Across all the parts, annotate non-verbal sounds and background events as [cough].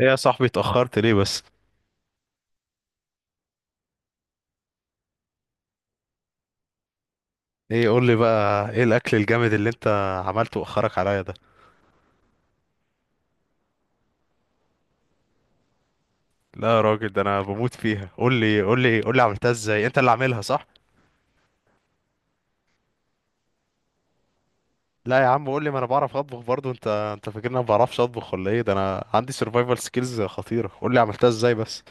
ايه يا صاحبي اتأخرت ليه بس؟ ايه، قول لي بقى ايه الاكل الجامد اللي انت عملته واخرك عليا ده؟ لا يا راجل، ده انا بموت فيها. قول لي قول لي قول لي عملتها ازاي؟ انت اللي عاملها صح؟ لا يا عم، قول لي، ما انا بعرف اطبخ برضو. انت فاكرني ما بعرفش اطبخ ولا ايه؟ ده انا عندي سرفايفل سكيلز خطيرة. قول لي عملتها ازاي بس.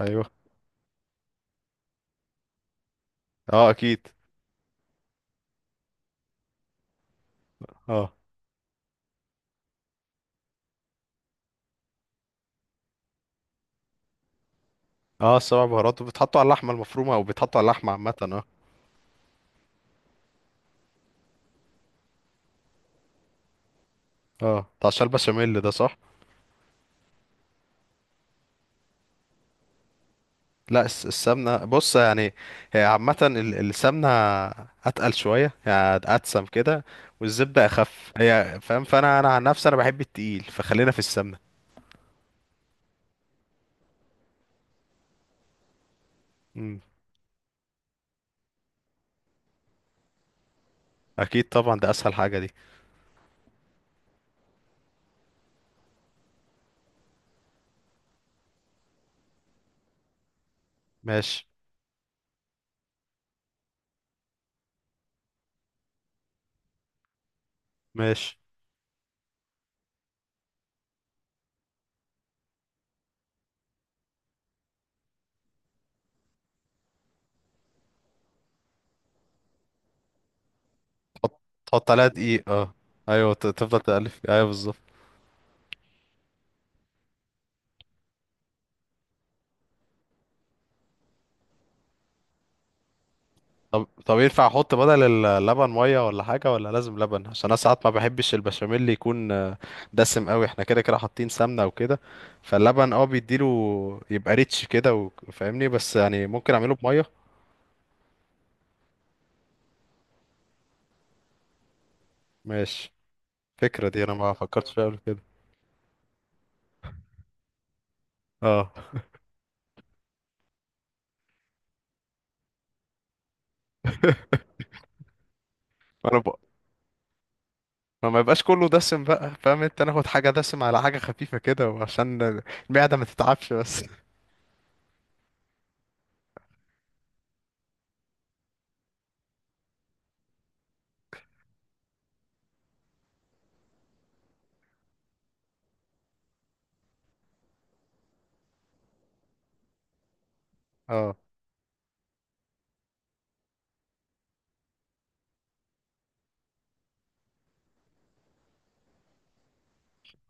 ايوه. اه اكيد. اه، اه، السبع بهارات بتحطوا على اللحمة المفرومة او بتحطوا على اللحمة عامة؟ اه. اه، بتاع الشال بشاميل ده صح؟ لا، السمنة بص يعني. هي عامة السمنة أتقل شوية يعني، أتسم كده. والزبدة أخف هي، فاهم؟ فأنا، أنا عن نفسي أنا بحب التقيل، فخلينا في السمنة. مم. أكيد طبعا، ده أسهل حاجة دي. ماشي. ماشي. تحط تحط عليها دقيق، اه. أيوة، تفضل تقلب، أيوة بالظبط. طب، ينفع احط بدل اللبن ميه ولا حاجه، ولا لازم لبن؟ عشان انا ساعات ما بحبش البشاميل اللي يكون دسم قوي، احنا كده كده حاطين سمنه وكده، فاللبن بيديله يبقى ريتش كده فاهمني. بس يعني ممكن اعمله بميه. ماشي. الفكره دي انا ما فكرتش فيها قبل كده. اه. انا بقى ما يبقاش كله دسم بقى، فاهم؟ انت ناخد حاجه دسم على حاجه خفيفه كده، وعشان المعده ما تتعبش بس. اه.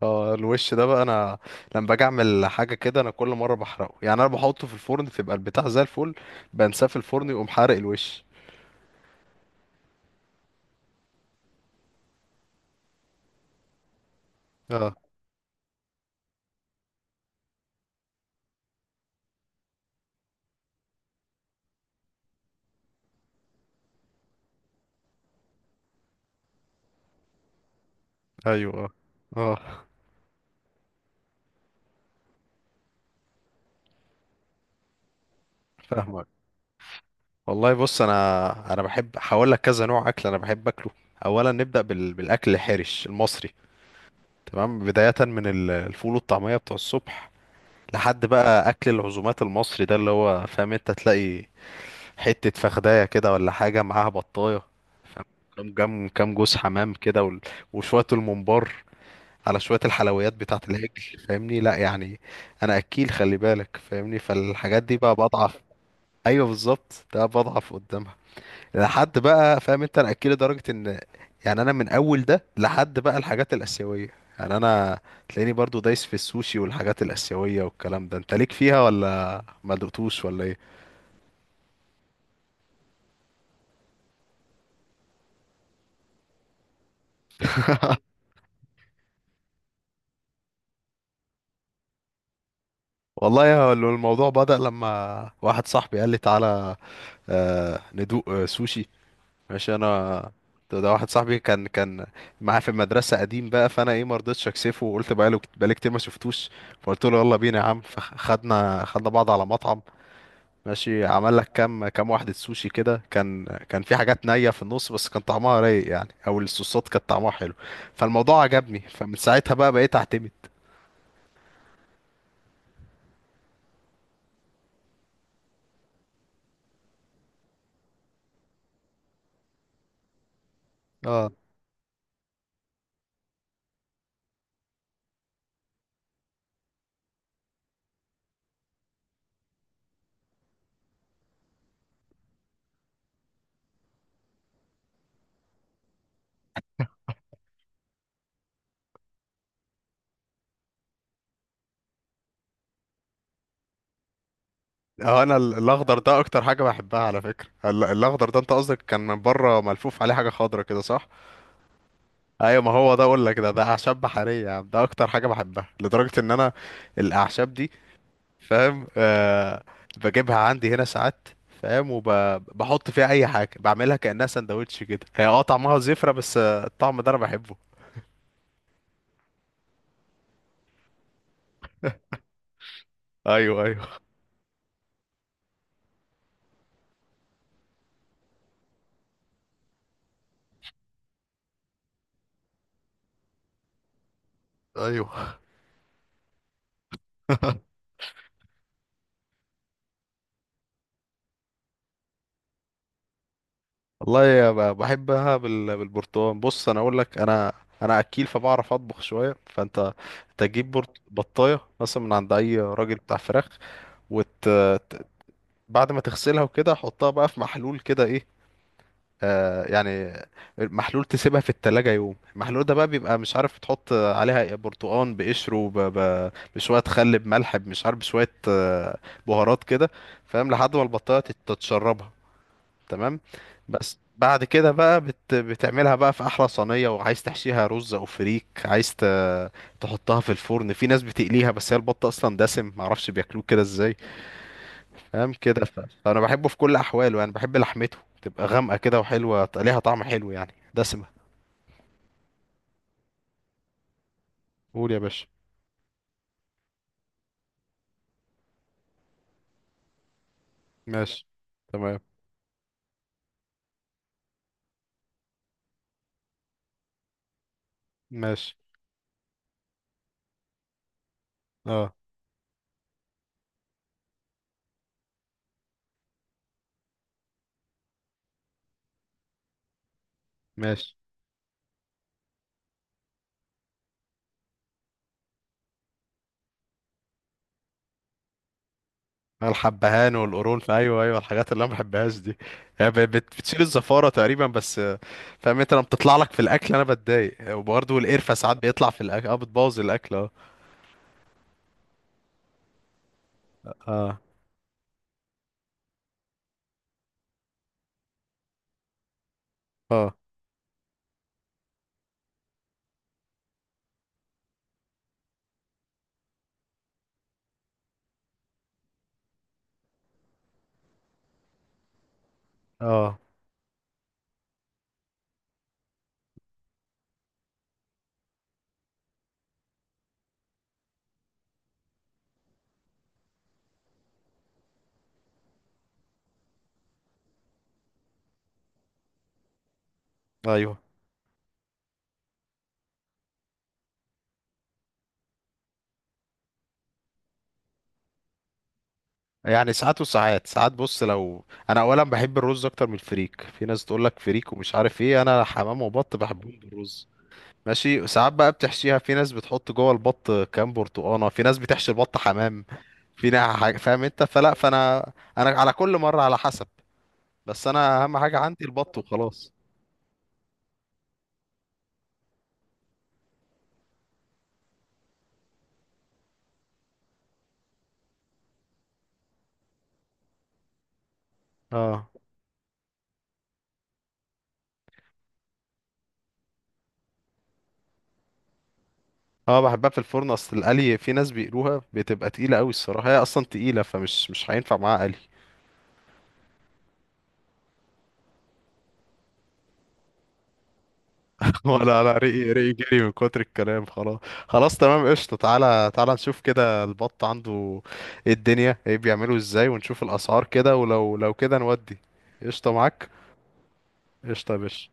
اه، الوش ده بقى، انا لما باجي اعمل حاجه كده، انا كل مره بحرقه. يعني انا بحطه في الفرن تبقى البتاع زي الفل، بنساه في الفرن يقوم حارق الوش. اه. ايوه. اه. اه. فاهمك. والله بص، انا بحب، هقول لك كذا نوع اكل انا بحب اكله. اولا نبدا بالاكل الحرش المصري. تمام، بدايه من الفول والطعميه بتوع الصبح، لحد بقى اكل العزومات المصري، ده اللي هو فاهم، انت تلاقي حتة فخداية كده ولا حاجة معاها بطاية، فاهم؟ كام كام كام جوز حمام كده، وشوية الممبار على شوية الحلويات بتاعة العجل. فاهمني؟ لا يعني، أنا أكيل، خلي بالك، فاهمني. فالحاجات دي بقى بضعف. أيوه بالظبط، ده بضعف قدامها، لحد بقى، فاهم أنت، أنا أكيل لدرجة إن يعني أنا من أول ده لحد بقى الحاجات الآسيوية، يعني أنا تلاقيني برضو دايس في السوشي والحاجات الآسيوية والكلام ده. أنت ليك فيها ولا ما دقتوش ولا إيه؟ والله الموضوع بدأ لما واحد صاحبي قال لي تعالى ندوق سوشي. ماشي انا. ده واحد صاحبي كان معاه في المدرسه قديم بقى، فانا ايه ما رضيتش اكسفه، وقلت بقاله، بقالي كتير ما شفتوش، فقلت له يلا بينا يا عم، فخدنا بعض على مطعم. ماشي، عمل لك كام كام واحده سوشي كده، كان في حاجات نيه في النص، بس كان طعمها رايق يعني، او الصوصات كانت طعمها حلو، فالموضوع عجبني، فمن ساعتها بقى بقيت اعتمد. اه. اه، انا الاخضر ده اكتر حاجه بحبها على فكره. الاخضر ده، انت قصدك كان من بره ملفوف عليه حاجه خضرا كده، صح؟ ايوه، ما هو ده اقول لك، ده اعشاب بحريه يا عم. ده اكتر حاجه بحبها، لدرجه ان انا الاعشاب دي، فاهم؟ آه، بجيبها عندي هنا ساعات، فاهم؟ وبحط فيها اي حاجه، بعملها كانها سندوتش كده. هي طعمها زفره، بس الطعم ده انا بحبه. ايوه، ايوه. [laughs] ايوه. والله يا بحبها بالبرتقال. بص انا اقول لك، انا اكيل فبعرف اطبخ شويه، فانت تجيب بطايه مثلا من عند اي راجل بتاع فراخ، وت... ت- بعد ما تغسلها وكده حطها بقى في محلول كده ايه، يعني محلول، تسيبها في التلاجة يوم. المحلول ده بقى بيبقى مش عارف تحط عليها إيه، برتقان بقشره، بشوية خل بملح، مش عارف بشوية بهارات كده، فاهم؟ لحد ما البطاية تتشربها. تمام. بس بعد كده بقى بتعملها بقى في احلى صينيه، وعايز تحشيها رز او فريك، عايز تحطها في الفرن. في ناس بتقليها، بس هي البط اصلا دسم، معرفش بياكلوه كده ازاي. تمام كده، فانا بحبه في كل احواله. يعني بحب لحمته تبقى غامقه كده وحلوه، ليها طعم حلو يعني دسمه. قول يا باشا. ماشي. تمام. ماشي. اه. ماشي. الحبهان والقرون، ايوه، ايوه، الحاجات اللي انا ما بحبهاش دي. هي بتشيل الزفاره تقريبا بس. فاهم انت لما بتطلع لك في الاكل انا بتضايق. وبرضه القرفه ساعات بيطلع في الاكل، اه بتبوظ الاكل، اه. اه. اه. اه. ايوه، يعني ساعات وساعات ساعات، بص لو، انا اولا بحب الرز اكتر من الفريك، في ناس تقول لك فريك ومش عارف ايه، انا حمام وبط بحبهم بالرز. ماشي، ساعات بقى بتحشيها. في ناس بتحط جوه البط كام برتقانه. في ناس بتحشي البط حمام. في ناس فاهم انت؟ فلا، فانا، انا على كل مره على حسب. بس انا اهم حاجه عندي البط وخلاص. اه. اه، بحبها في الفرن. اصل القلي في ناس بيقلوها بتبقى تقيله قوي الصراحه. هي اصلا تقيله، فمش مش هينفع معاها قلي. [laughs] ولا لا، رقي رقي، جري من كتر الكلام خلاص. خلاص تمام قشطه، تعالى تعالى نشوف كده البط عنده ايه الدنيا، ايه بيعمله ازاي، ونشوف الاسعار كده. ولو كده نودي. قشطه معاك. قشطه يا باشا.